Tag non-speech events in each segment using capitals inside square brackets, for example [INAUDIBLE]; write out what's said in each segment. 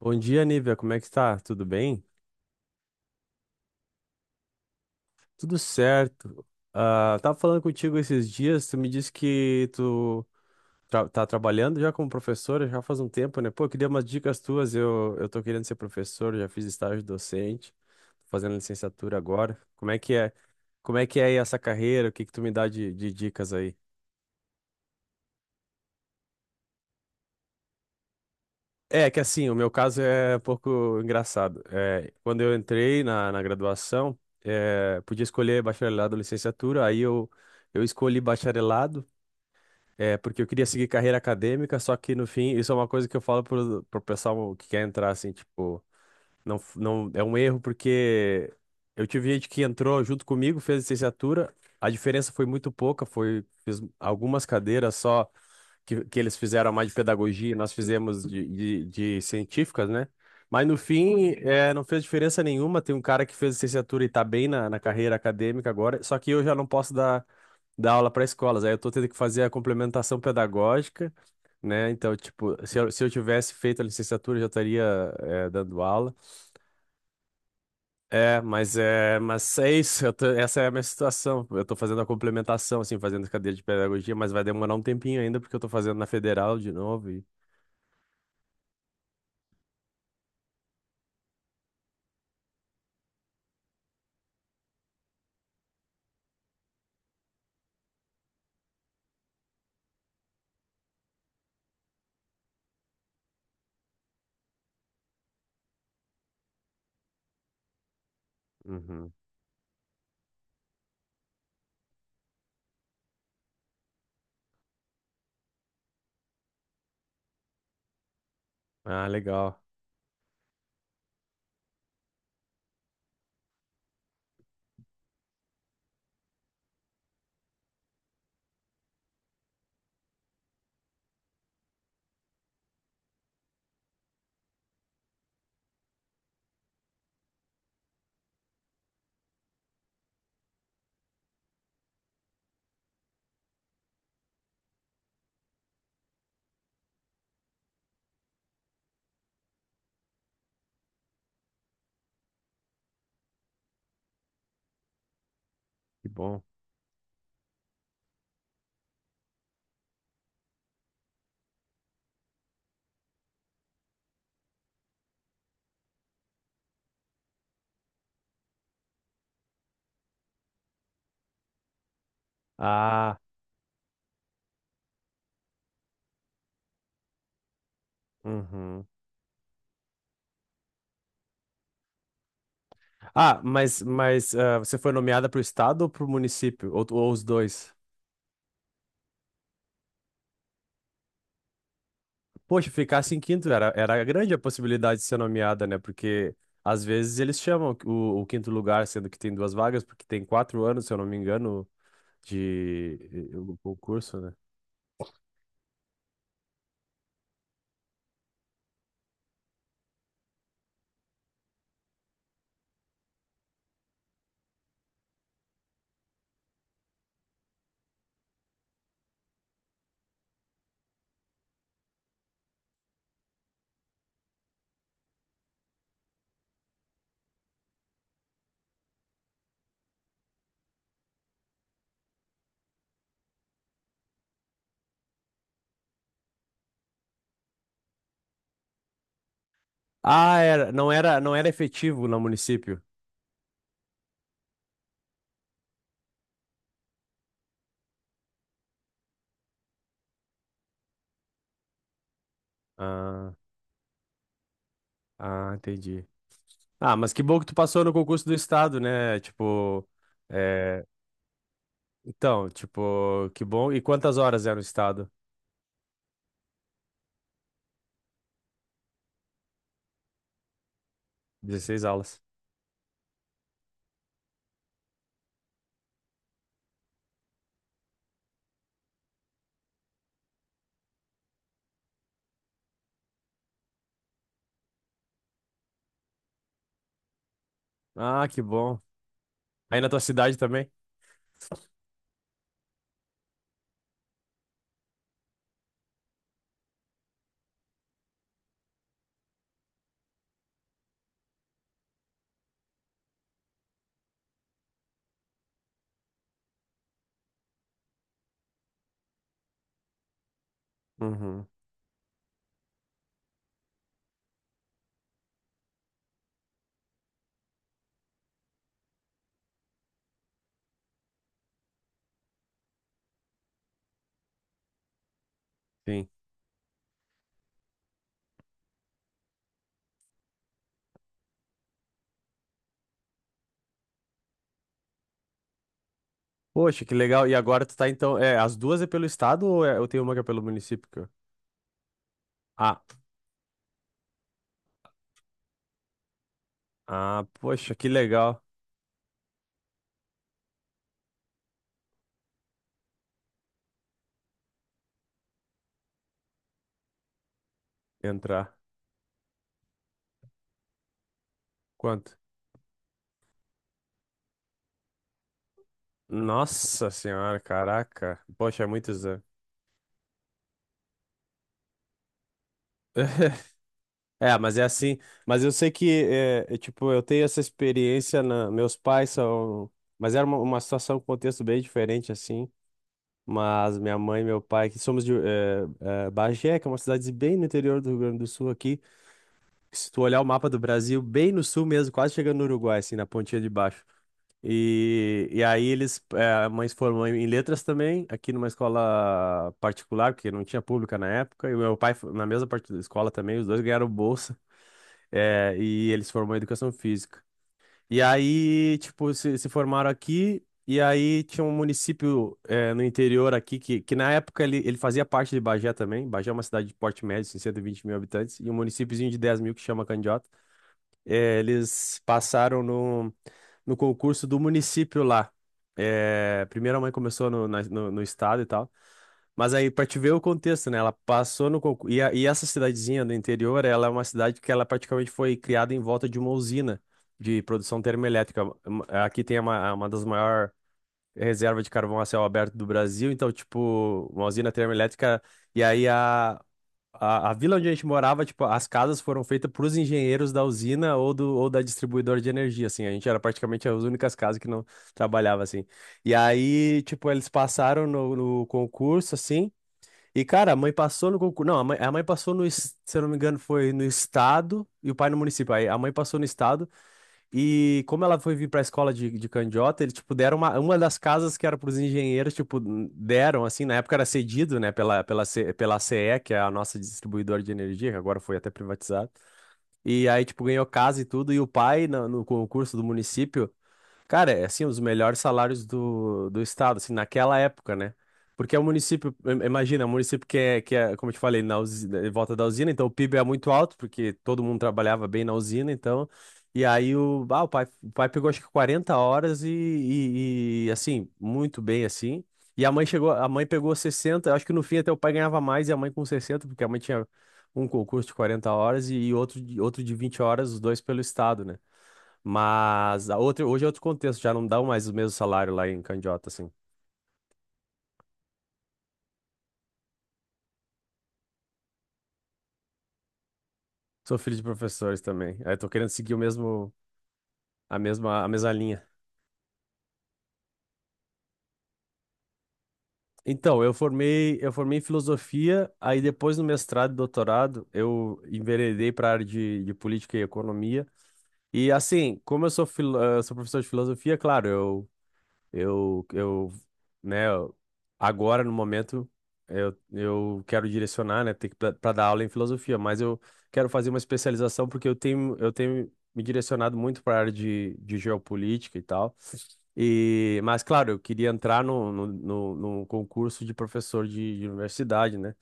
Bom dia, Nívia. Como é que tá? Tudo bem? Tudo certo. Ah, tava falando contigo esses dias, tu me disse que tu tá trabalhando já como professora já faz um tempo, né? Pô, eu queria umas dicas tuas. Eu tô querendo ser professor, já fiz estágio docente, tô fazendo licenciatura agora. Como é que é? Como é que é aí essa carreira? O que que tu me dá de dicas aí? É que assim, o meu caso é um pouco engraçado. É, quando eu entrei na graduação, é, podia escolher bacharelado ou licenciatura, aí eu escolhi bacharelado, é, porque eu queria seguir carreira acadêmica, só que no fim, isso é uma coisa que eu falo pro pessoal que quer entrar, assim, tipo, não, não, é um erro, porque eu tive gente que entrou junto comigo, fez licenciatura, a diferença foi muito pouca, foi, fiz algumas cadeiras só que eles fizeram mais de pedagogia, nós fizemos de científicas, né? Mas no fim, é, não fez diferença nenhuma. Tem um cara que fez licenciatura e tá bem na carreira acadêmica agora, só que eu já não posso dar aula para escolas. Aí eu tô tendo que fazer a complementação pedagógica, né? Então, tipo, se eu tivesse feito a licenciatura, eu já estaria, é, dando aula. É, mas é, mas é isso, essa é a minha situação. Eu tô fazendo a complementação, assim, fazendo cadeira de pedagogia, mas vai demorar um tempinho ainda, porque eu tô fazendo na federal de novo. E uhum. Ah, legal. Que bom. Ah, uhum. Ah, mas, ah, você foi nomeada para o estado ou para o município? Ou os dois? Poxa, ficasse em quinto era, grande a possibilidade de ser nomeada, né? Porque às vezes eles chamam o quinto lugar, sendo que tem duas vagas, porque tem 4 anos, se eu não me engano, de o concurso, né? Ah, era, não era efetivo no município. Ah, ah, entendi. Ah, mas que bom que tu passou no concurso do estado, né? Tipo, é, então, tipo, que bom. E quantas horas é no estado? 16 aulas. Ah, que bom. Aí na tua cidade também? Uhum. Sim. Poxa, que legal. E agora tu tá então. É, as duas é pelo estado ou eu tenho uma que é pelo município? Ah, ah, poxa, que legal entrar. Quanto? Nossa senhora, caraca. Poxa, é muito exame. [LAUGHS] É, mas é assim. Mas eu sei que, tipo, eu tenho essa experiência. Na... Meus pais são. Mas era uma, situação, um contexto bem diferente, assim. Mas minha mãe e meu pai, que somos de Bagé, que é uma cidade bem no interior do Rio Grande do Sul aqui. Se tu olhar o mapa do Brasil, bem no sul mesmo, quase chegando no Uruguai, assim, na pontinha de baixo. E aí eles, é, a mãe se formou em letras também, aqui numa escola particular, porque não tinha pública na época, e o meu pai na mesma parte da escola também, os dois ganharam bolsa, é, e eles se formou em educação física. E aí, tipo, se formaram aqui, e aí tinha um município, é, no interior aqui, que na época ele fazia parte de Bagé também, Bagé é uma cidade de porte médio, assim, 120 mil habitantes, e um municípiozinho de 10 mil que chama Candiota. É, eles passaram no concurso do município lá. É, primeiro a mãe começou no estado e tal. Mas aí, para te ver o contexto, né? Ela passou no concurso. E, e essa cidadezinha do interior, ela é uma cidade que ela praticamente foi criada em volta de uma usina de produção termoelétrica. Aqui tem uma, das maiores reservas de carvão a céu aberto do Brasil. Então, tipo, uma usina termoelétrica. E aí a vila onde a gente morava, tipo, as casas foram feitas para os engenheiros da usina ou da distribuidora de energia, assim. A gente era praticamente as únicas casas que não trabalhava, assim. E aí, tipo, eles passaram no concurso, assim. E, cara, a mãe passou no concurso. Não, a mãe, passou se eu não me engano, foi no estado e o pai no município. Aí a mãe passou no estado e como ela foi vir pra escola de Candiota, eles, tipo, deram uma, das casas que era pros engenheiros, tipo, deram, assim, na época era cedido, né, pela CE, que é a nossa distribuidora de energia, que agora foi até privatizada. E aí, tipo, ganhou casa e tudo, e o pai, no concurso do município, cara, é assim, os melhores salários do estado, assim, naquela época, né? Porque é um município, imagina, é um município que é, como eu te falei, na usina, em volta da usina, então o PIB é muito alto, porque todo mundo trabalhava bem na usina, então. E aí o pai pegou acho que 40 horas e assim, muito bem assim. E a mãe chegou, a mãe pegou 60, acho que no fim até o pai ganhava mais e a mãe com 60, porque a mãe tinha um concurso de 40 horas e, outro, outro de 20 horas, os dois pelo estado, né? Mas a outra, hoje é outro contexto, já não dá mais o mesmo salário lá em Candiota, assim. Sou filho de professores também. Aí tô querendo seguir o mesmo, a mesma linha. Então, eu formei em filosofia, aí depois no mestrado e doutorado, eu enveredei para a área de política e economia. E assim, como eu sou, sou professor de filosofia, claro, eu Eu, eu, né, eu- agora no momento eu quero direcionar, né, ter que para dar aula em filosofia, mas eu quero fazer uma especialização porque eu tenho me direcionado muito para a área de geopolítica e tal. E, mas claro, eu queria entrar no concurso de professor de universidade, né?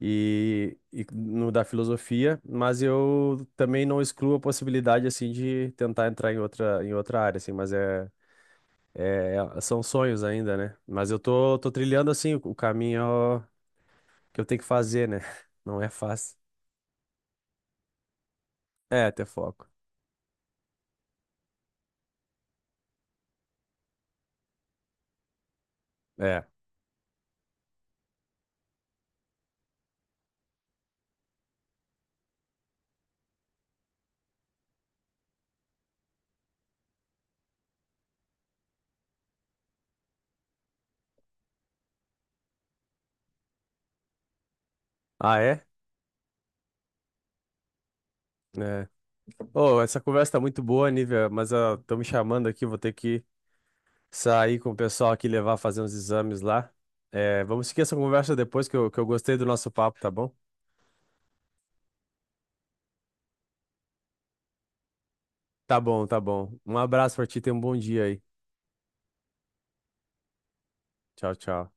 E no da filosofia, mas eu também não excluo a possibilidade assim de tentar entrar em outra área, assim, mas é é é, são sonhos ainda, né? Mas eu tô trilhando assim o caminho que eu tenho que fazer, né? [LAUGHS] Não é fácil. É, ter foco. É. Ah, é? É. Oh, essa conversa tá muito boa, Nívia, mas estão me chamando aqui, vou ter que sair com o pessoal aqui levar fazer uns exames lá. É, vamos seguir essa conversa depois que eu gostei do nosso papo, tá bom? Tá bom, tá bom. Um abraço pra ti, tenha um bom dia aí. Tchau, tchau.